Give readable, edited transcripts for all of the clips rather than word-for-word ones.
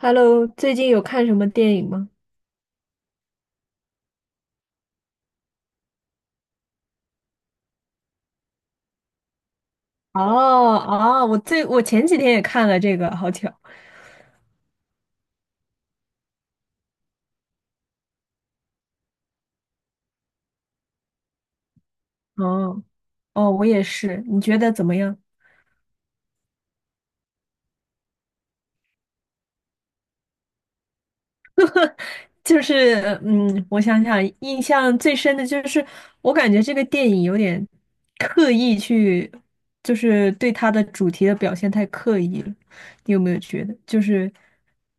Hello，最近有看什么电影吗？哦哦，我前几天也看了这个，好巧。哦哦，我也是。你觉得怎么样？就是我想想，印象最深的就是我感觉这个电影有点刻意去，就是对它的主题的表现太刻意了。你有没有觉得，就是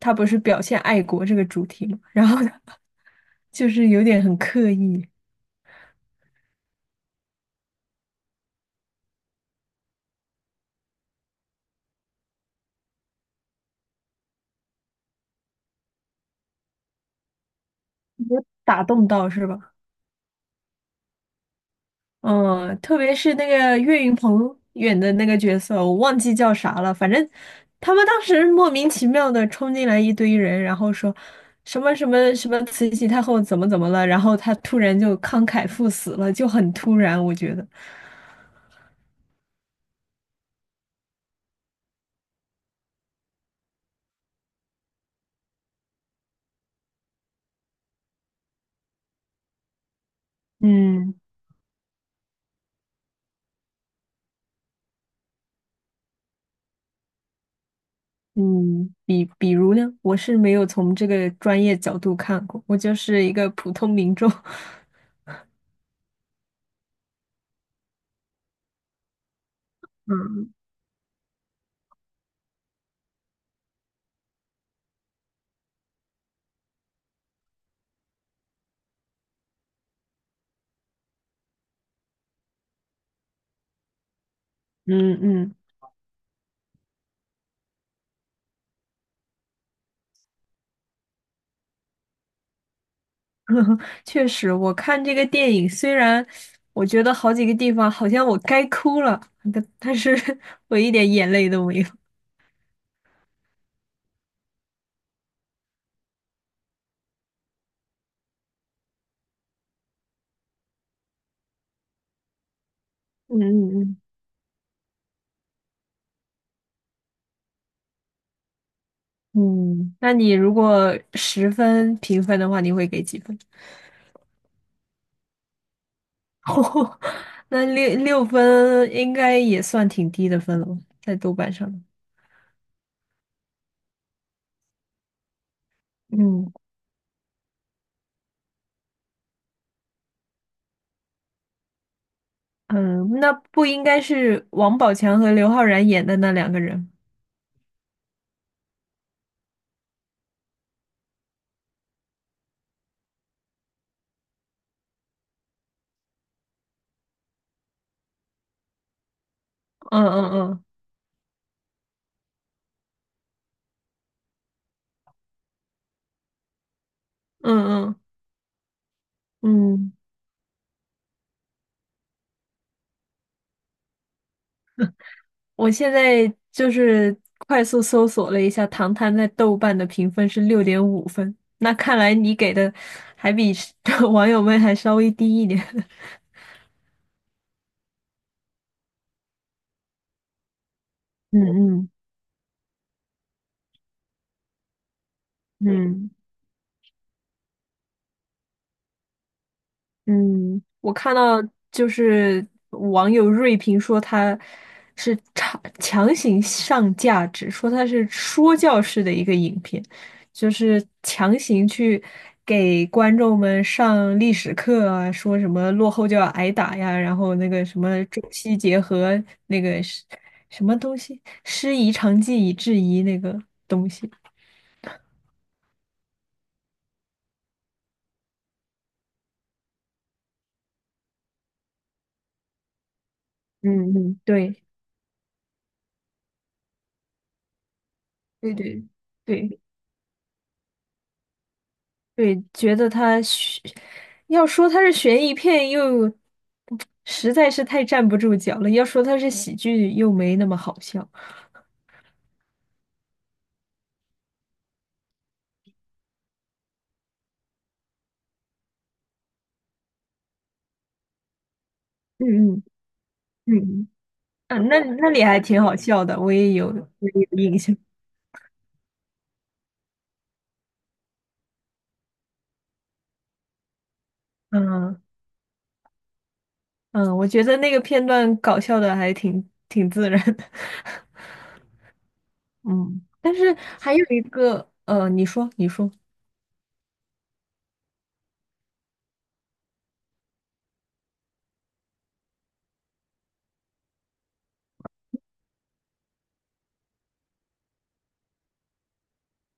他不是表现爱国这个主题嘛，然后 就是有点很刻意，没有打动到是吧？嗯，特别是那个岳云鹏演的那个角色，我忘记叫啥了。反正他们当时莫名其妙的冲进来一堆人，然后说什么什么什么慈禧太后怎么怎么了，然后他突然就慷慨赴死了，就很突然，我觉得。嗯嗯，比如呢，我是没有从这个专业角度看过，我就是一个普通民众。嗯嗯嗯。确实，我看这个电影，虽然我觉得好几个地方好像我该哭了，但是 我一点眼泪都没有。嗯嗯嗯，嗯，那你如果十分评分的话，你会给几分？哦，那六分应该也算挺低的分了吧，在豆瓣上。嗯嗯，嗯，那不应该是王宝强和刘昊然演的那两个人？嗯嗯嗯嗯嗯。嗯我现在就是快速搜索了一下，《唐探》在豆瓣的评分是六点五分。那看来你给的还比 网友们还稍微低一点。嗯嗯嗯，嗯，我看到就是网友锐评说他是强行上价值，说他是说教式的一个影片，就是强行去给观众们上历史课啊，说什么落后就要挨打呀，然后那个什么中西结合那个是什么东西，师夷长技以制夷那个东西。嗯嗯，对对对对。对，觉得他悬，要说他是悬疑片，又实在是太站不住脚了；要说他是喜剧，又没那么好笑。嗯嗯嗯，嗯，那里还挺好笑的，我也有印象。嗯嗯，我觉得那个片段搞笑的还挺自然的。嗯，但是还有一个，你说你说，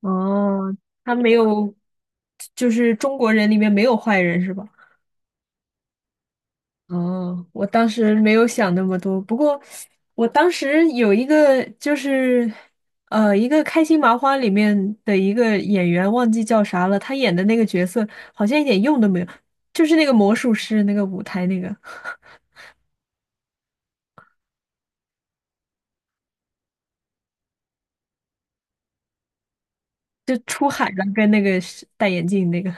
哦，他没有，就是中国人里面没有坏人是吧？哦，我当时没有想那么多，不过我当时有一个就是，一个开心麻花里面的一个演员忘记叫啥了，他演的那个角色好像一点用都没有，就是那个魔术师那个舞台那个，就出海了跟那个是戴眼镜那个，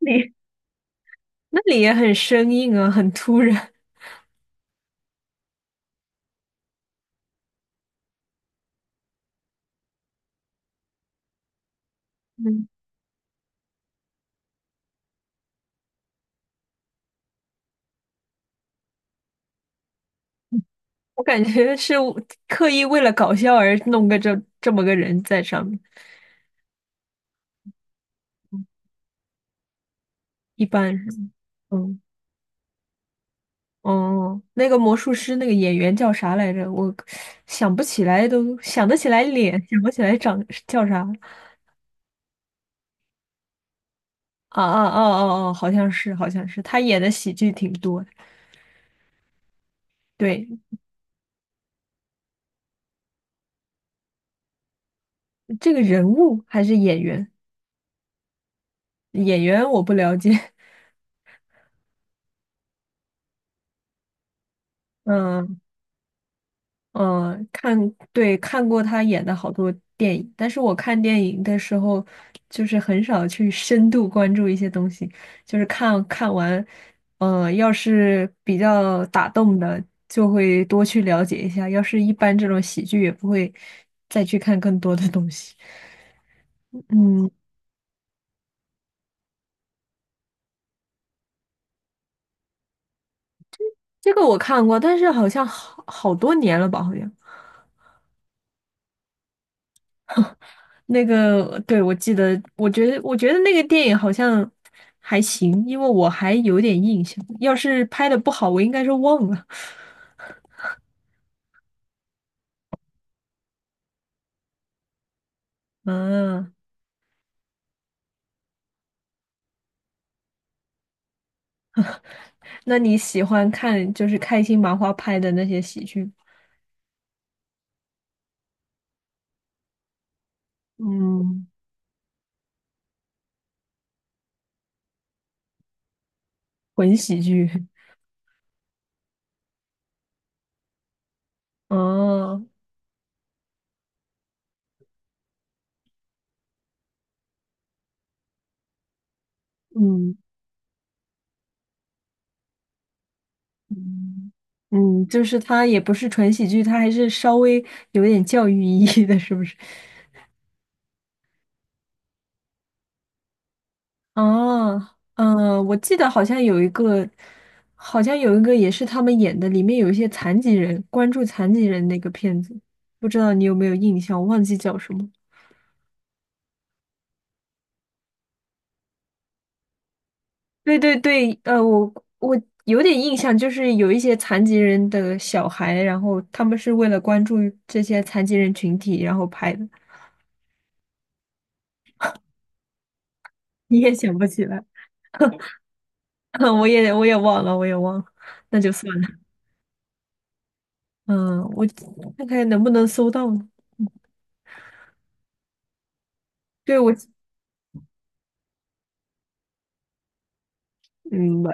那里那里也很生硬啊，很突然，嗯，我感觉是我刻意为了搞笑而弄个这么个人在上面，一般嗯。哦，那个魔术师那个演员叫啥来着？我想不起来都，想得起来脸，想不起来长叫啥。啊啊哦哦哦，好像是，好像是，他演的喜剧挺多的。对，这个人物还是演员？演员我不了解。嗯嗯，对，看过他演的好多电影，但是我看电影的时候，就是很少去深度关注一些东西，就是看完，要是比较打动的，就会多去了解一下；要是一般这种喜剧，也不会再去看更多的东西。嗯，这个我看过，但是好像好多年了吧，好像。那个，对，我记得，我觉得那个电影好像还行，因为我还有点印象。要是拍的不好，我应该是忘了。嗯，那你喜欢看就是开心麻花拍的那些喜剧，嗯 混喜剧？哦，嗯嗯，嗯，就是它也不是纯喜剧，它还是稍微有点教育意义的，是不是？哦，嗯，我记得好像有一个也是他们演的，里面有一些残疾人，关注残疾人那个片子，不知道你有没有印象，我忘记叫什么。对对对，我有点印象，就是有一些残疾人的小孩，然后他们是为了关注这些残疾人群体，然后拍的。你也想不起来，我也忘了，那就算了。嗯，我看看能不能搜到呢。嗯，对，嗯，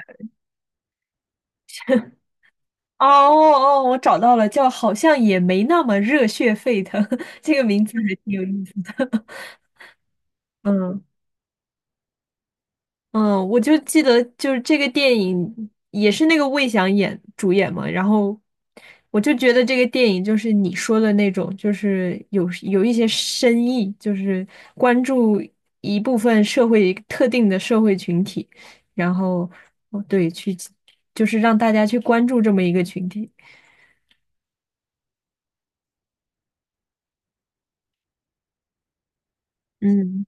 哦哦，哦我找到了，叫好像也没那么热血沸腾，这个名字还挺有意思。嗯嗯，我就记得就是这个电影也是那个魏翔主演嘛，然后我就觉得这个电影就是你说的那种，就是有一些深意，就是关注一部分社会特定的社会群体，然后哦对，就是让大家去关注这么一个群体。嗯。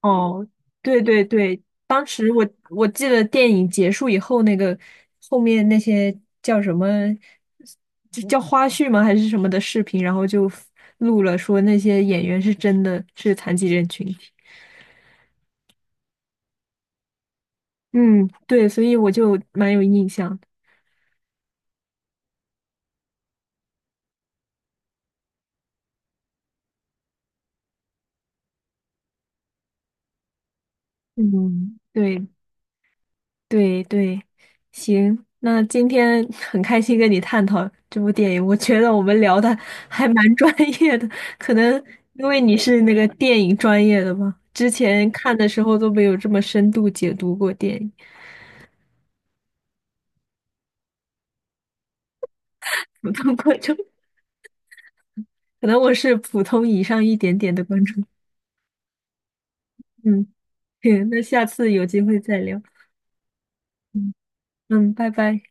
哦，对对对，当时我记得电影结束以后，那个后面那些叫什么，就叫花絮吗？还是什么的视频，然后就录了说那些演员是真的是残疾人群体。嗯，对，所以我就蛮有印象的。嗯，对，对对，行，那今天 很开心跟你探讨这部电影，我觉得我们聊的 还蛮专业的，可能因为你是那个电影专业的吧，之前看的时候都没有这么深度解读过电影，普通观众，可能我是普通以上一点点的观众。嗯，行那下次有机会再聊。嗯嗯，拜拜。